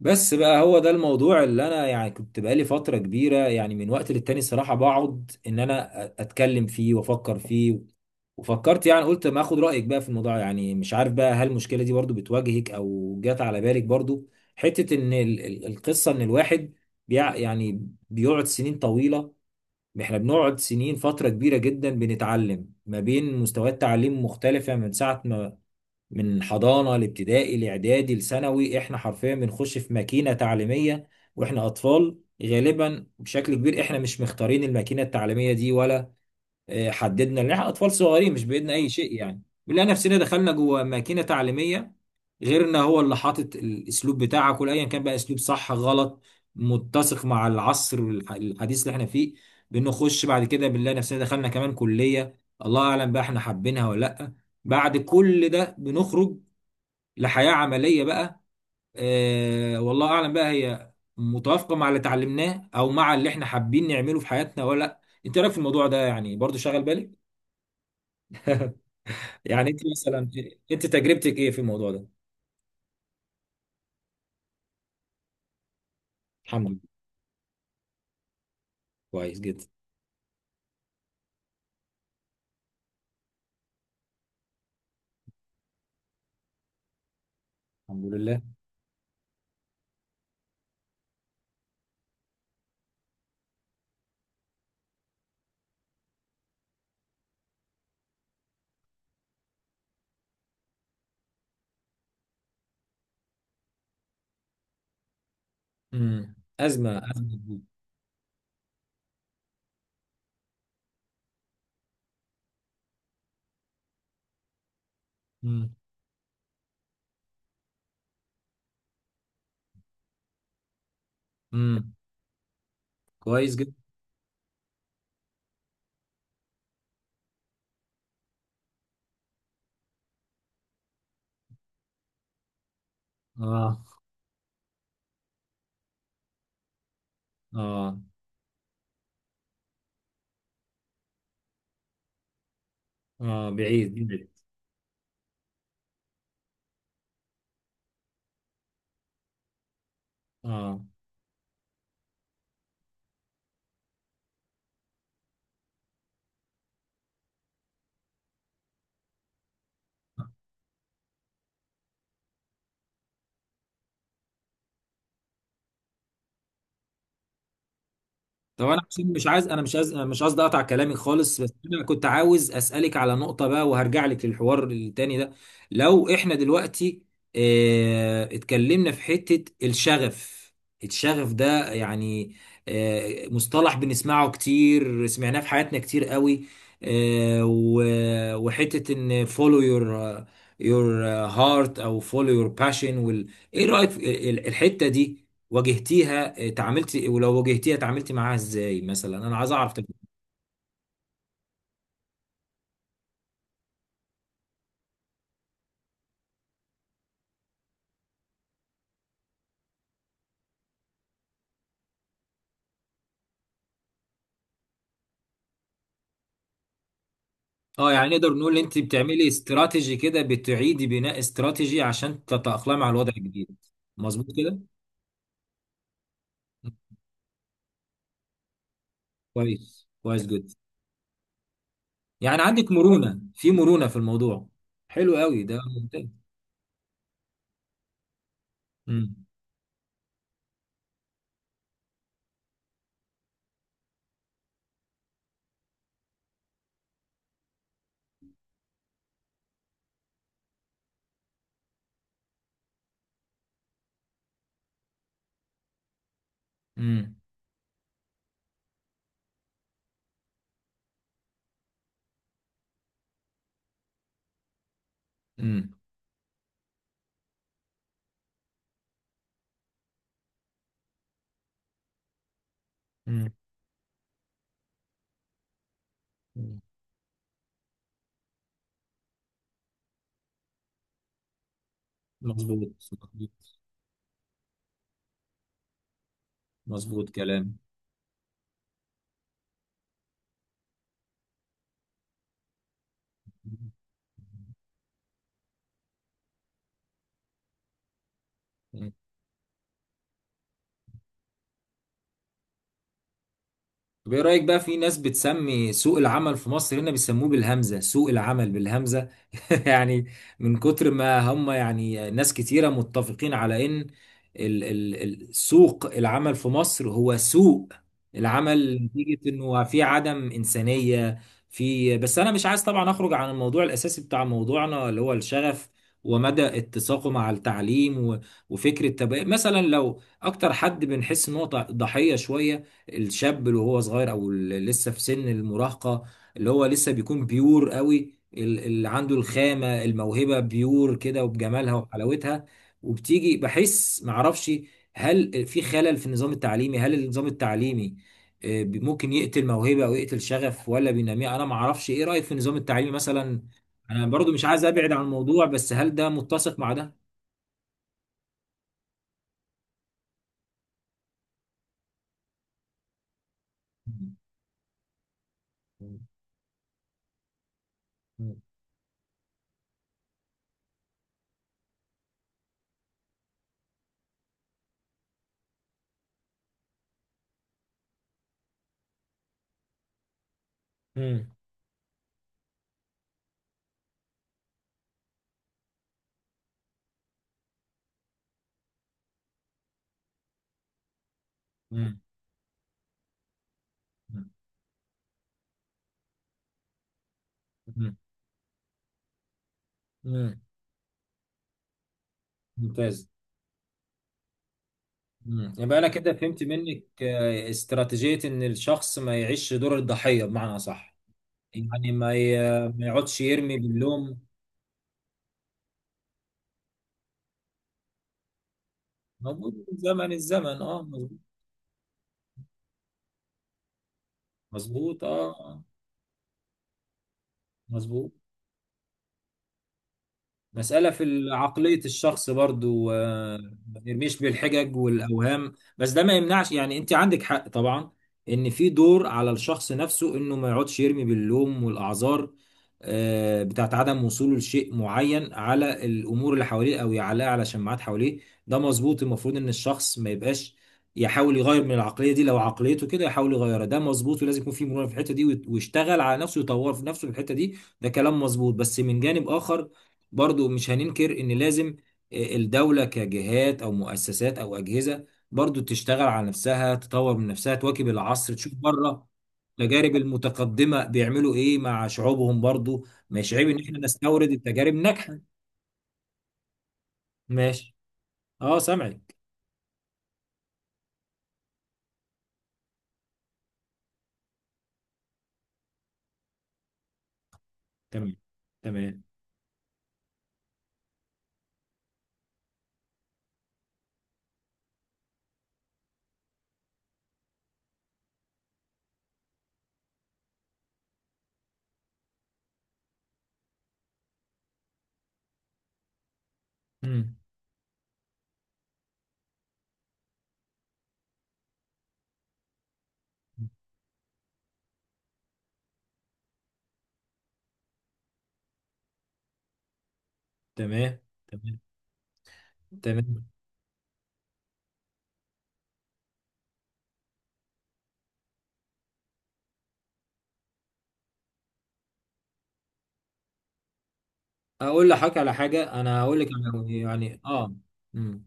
بس بقى هو ده الموضوع اللي انا يعني كنت بقالي فترة كبيرة، يعني من وقت للتاني الصراحة بقعد ان انا اتكلم فيه وافكر فيه. وفكرت يعني قلت ما اخد رأيك بقى في الموضوع. يعني مش عارف بقى، هل المشكلة دي برضو بتواجهك او جات على بالك برضو؟ حتة ان القصة ان الواحد بيع يعني بيقعد سنين طويلة. احنا بنقعد سنين فترة كبيرة جدا بنتعلم ما بين مستويات تعليم مختلفة، من ساعة ما من حضانة لابتدائي لاعدادي لثانوي. احنا حرفيا بنخش في ماكينة تعليمية واحنا اطفال. غالبا بشكل كبير احنا مش مختارين الماكينة التعليمية دي ولا حددنا ان احنا اطفال صغيرين مش بايدنا اي شيء. يعني بنلاقي نفسنا دخلنا جوه ماكينة تعليمية، غير ان هو اللي حاطط الاسلوب بتاعك ولا ايا كان بقى اسلوب صح غلط متسق مع العصر الحديث اللي احنا فيه. بنخش بعد كده بنلاقي نفسنا دخلنا كمان كلية، الله اعلم بقى احنا حابينها ولا لا. بعد كل ده بنخرج لحياة عملية بقى. آه، والله أعلم بقى هي متوافقة مع اللي اتعلمناه أو مع اللي إحنا حابين نعمله في حياتنا ولا لأ. أنت رأيك في الموضوع ده يعني برضو شغل بالك؟ يعني أنت مثلا، أنت تجربتك إيه في الموضوع ده؟ الحمد لله. كويس جدا. الحمد لله. أزمة أزمة كبيرة. امم. امم. كويس جدا. آه. آه. آه بعيد بعيد. آه. طب انا عشان مش عايز انا مش عايز مش قصدي اقطع كلامي خالص، بس انا كنت عاوز اسالك على نقطه بقى وهرجع لك للحوار التاني ده. لو احنا دلوقتي اه اتكلمنا في حته الشغف. الشغف ده يعني اه مصطلح بنسمعه كتير، سمعناه في حياتنا كتير قوي. اه وحته ان follow your heart او follow your passion ايه رايك في الحته دي؟ واجهتيها؟ آه، تعاملتي؟ ولو واجهتيها تعاملتي معاها ازاي؟ مثلا انا عايز اعرف تجربتك. اه يعني نقدر نقول ان انت بتعملي استراتيجي كده، بتعيدي بناء استراتيجي عشان تتأقلمي على الوضع الجديد. مظبوط كده. كويس، كويس جدا. يعني عندك مرونة في الموضوع. حلو قوي ده، ممتاز. امم. امم. امم. أمم. مظبوط. مظبوط. مظبوط كلام. طب ايه رأيك بقى في ناس بتسمي سوق العمل في مصر، هنا بيسموه بالهمزة، سوق العمل بالهمزة يعني، من كتر ما هم، يعني ناس كتيرة متفقين على ان ال ال ال سوق العمل في مصر هو سوق العمل نتيجة انه في عدم إنسانية في. بس انا مش عايز طبعا اخرج عن الموضوع الاساسي بتاع موضوعنا اللي هو الشغف ومدى اتساقه مع التعليم وفكرة. تبقى مثلا لو اكتر حد بنحس ان هو ضحية شوية، الشاب اللي هو صغير او اللي لسه في سن المراهقه، اللي هو لسه بيكون بيور قوي، اللي عنده الخامه، الموهبه بيور كده وبجمالها وحلاوتها. وبتيجي بحس معرفش، هل في خلل في النظام التعليمي؟ هل النظام التعليمي آه، ممكن يقتل موهبه او يقتل شغف ولا بينميها؟ انا معرفش ايه رايك في النظام التعليمي مثلا. انا برضو مش عايز ابعد عن الموضوع، بس هل ده متسق مع ده؟ مم. مم. مم. مم. مم. مم. ممتاز. مم. يبقى انا كده فهمت منك آه، استراتيجية، ان الشخص ما يعيش دور الضحية، بمعنى صح. يعني ما يقعدش يرمي باللوم. موجود من زمن الزمن، اه، مظبوط. مظبوط. اه، آه. مظبوط. مسألة في عقلية الشخص برضو. آه، ما نرميش بالحجج والأوهام، بس ده ما يمنعش، يعني أنت عندك حق طبعا. إن في دور على الشخص نفسه إنه ما يقعدش يرمي باللوم والأعذار آه، بتاعت عدم وصوله لشيء معين، على الأمور اللي حواليه، أو يعلقها على شماعات حواليه. ده مظبوط، المفروض إن الشخص ما يبقاش، يحاول يغير من العقلية دي، لو عقليته كده يحاول يغيرها. ده مظبوط، ولازم يكون في مرونة في الحتة دي، ويشتغل على نفسه، يطور في نفسه في الحتة دي. ده كلام مظبوط، بس من جانب آخر برضو مش هننكر ان لازم آه، الدولة كجهات او مؤسسات او اجهزة برضو تشتغل على نفسها، تطور من نفسها، تواكب العصر، تشوف بره التجارب المتقدمة بيعملوا ايه مع شعوبهم. برضو مش عيب ان احنا نستورد التجارب الناجحة. ماشي. اه سامعك. تمام. تمام. مم. تمام. تمام. تمام. اقول لحضرتك على حاجة، انا هقول لك يعني اه. مم.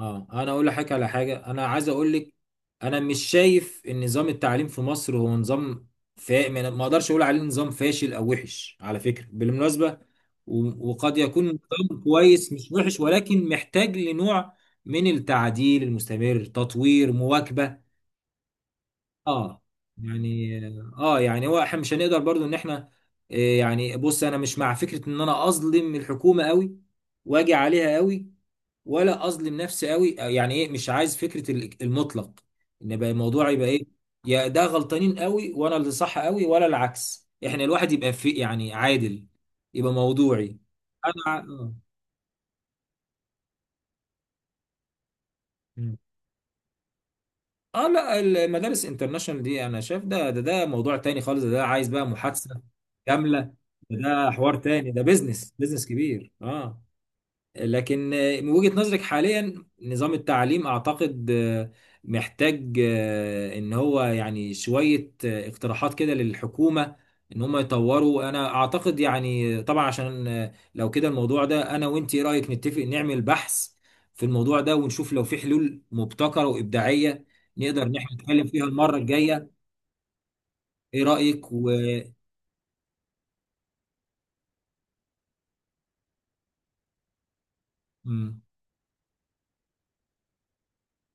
اه انا اقول لحضرتك على حاجه، انا عايز اقول لك. انا مش شايف ان نظام التعليم في مصر هو ما اقدرش اقول عليه نظام فاشل او وحش على فكره بالمناسبه. وقد يكون نظام كويس مش وحش، ولكن محتاج لنوع من التعديل المستمر، تطوير، مواكبه. اه، يعني اه يعني هو احنا مش هنقدر برضو ان احنا آه، يعني بص، انا مش مع فكره ان انا اظلم الحكومه قوي واجي عليها قوي، ولا اظلم نفسي قوي. يعني ايه، مش عايز فكره المطلق، ان يبقى الموضوع يبقى ايه، يا ده غلطانين قوي وانا اللي صح قوي، ولا العكس. احنا الواحد يبقى في يعني عادل، يبقى موضوعي. انا ع- اه مم. آه، لا المدارس انترناشونال دي انا شايف ده موضوع تاني خالص. ده عايز بقى محادثه كامله. ده حوار تاني، ده بيزنس كبير. اه، لكن آه، من وجهة نظرك حاليا نظام التعليم اعتقد آه، محتاج آه، ان هو يعني شوية آه، اقتراحات كده للحكومة ان هم يطوروا. انا اعتقد يعني، طبعا عشان آه، لو كده الموضوع ده، انا وانت ايه رأيك نتفق نعمل بحث في الموضوع ده ونشوف لو في حلول مبتكرة وابداعية نقدر ان احنا نتكلم فيها المرة الجاية. ايه رأيك مم.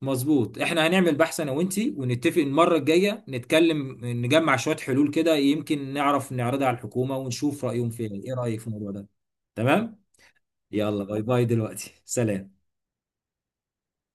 مظبوط، احنا هنعمل بحث انا وانتي ونتفق المره الجايه نتكلم نجمع شويه حلول كده، يمكن نعرف نعرضها على الحكومه ونشوف رايهم فيها. ايه رايك في الموضوع ده؟ تمام. يلا باي باي دلوقتي، سلام.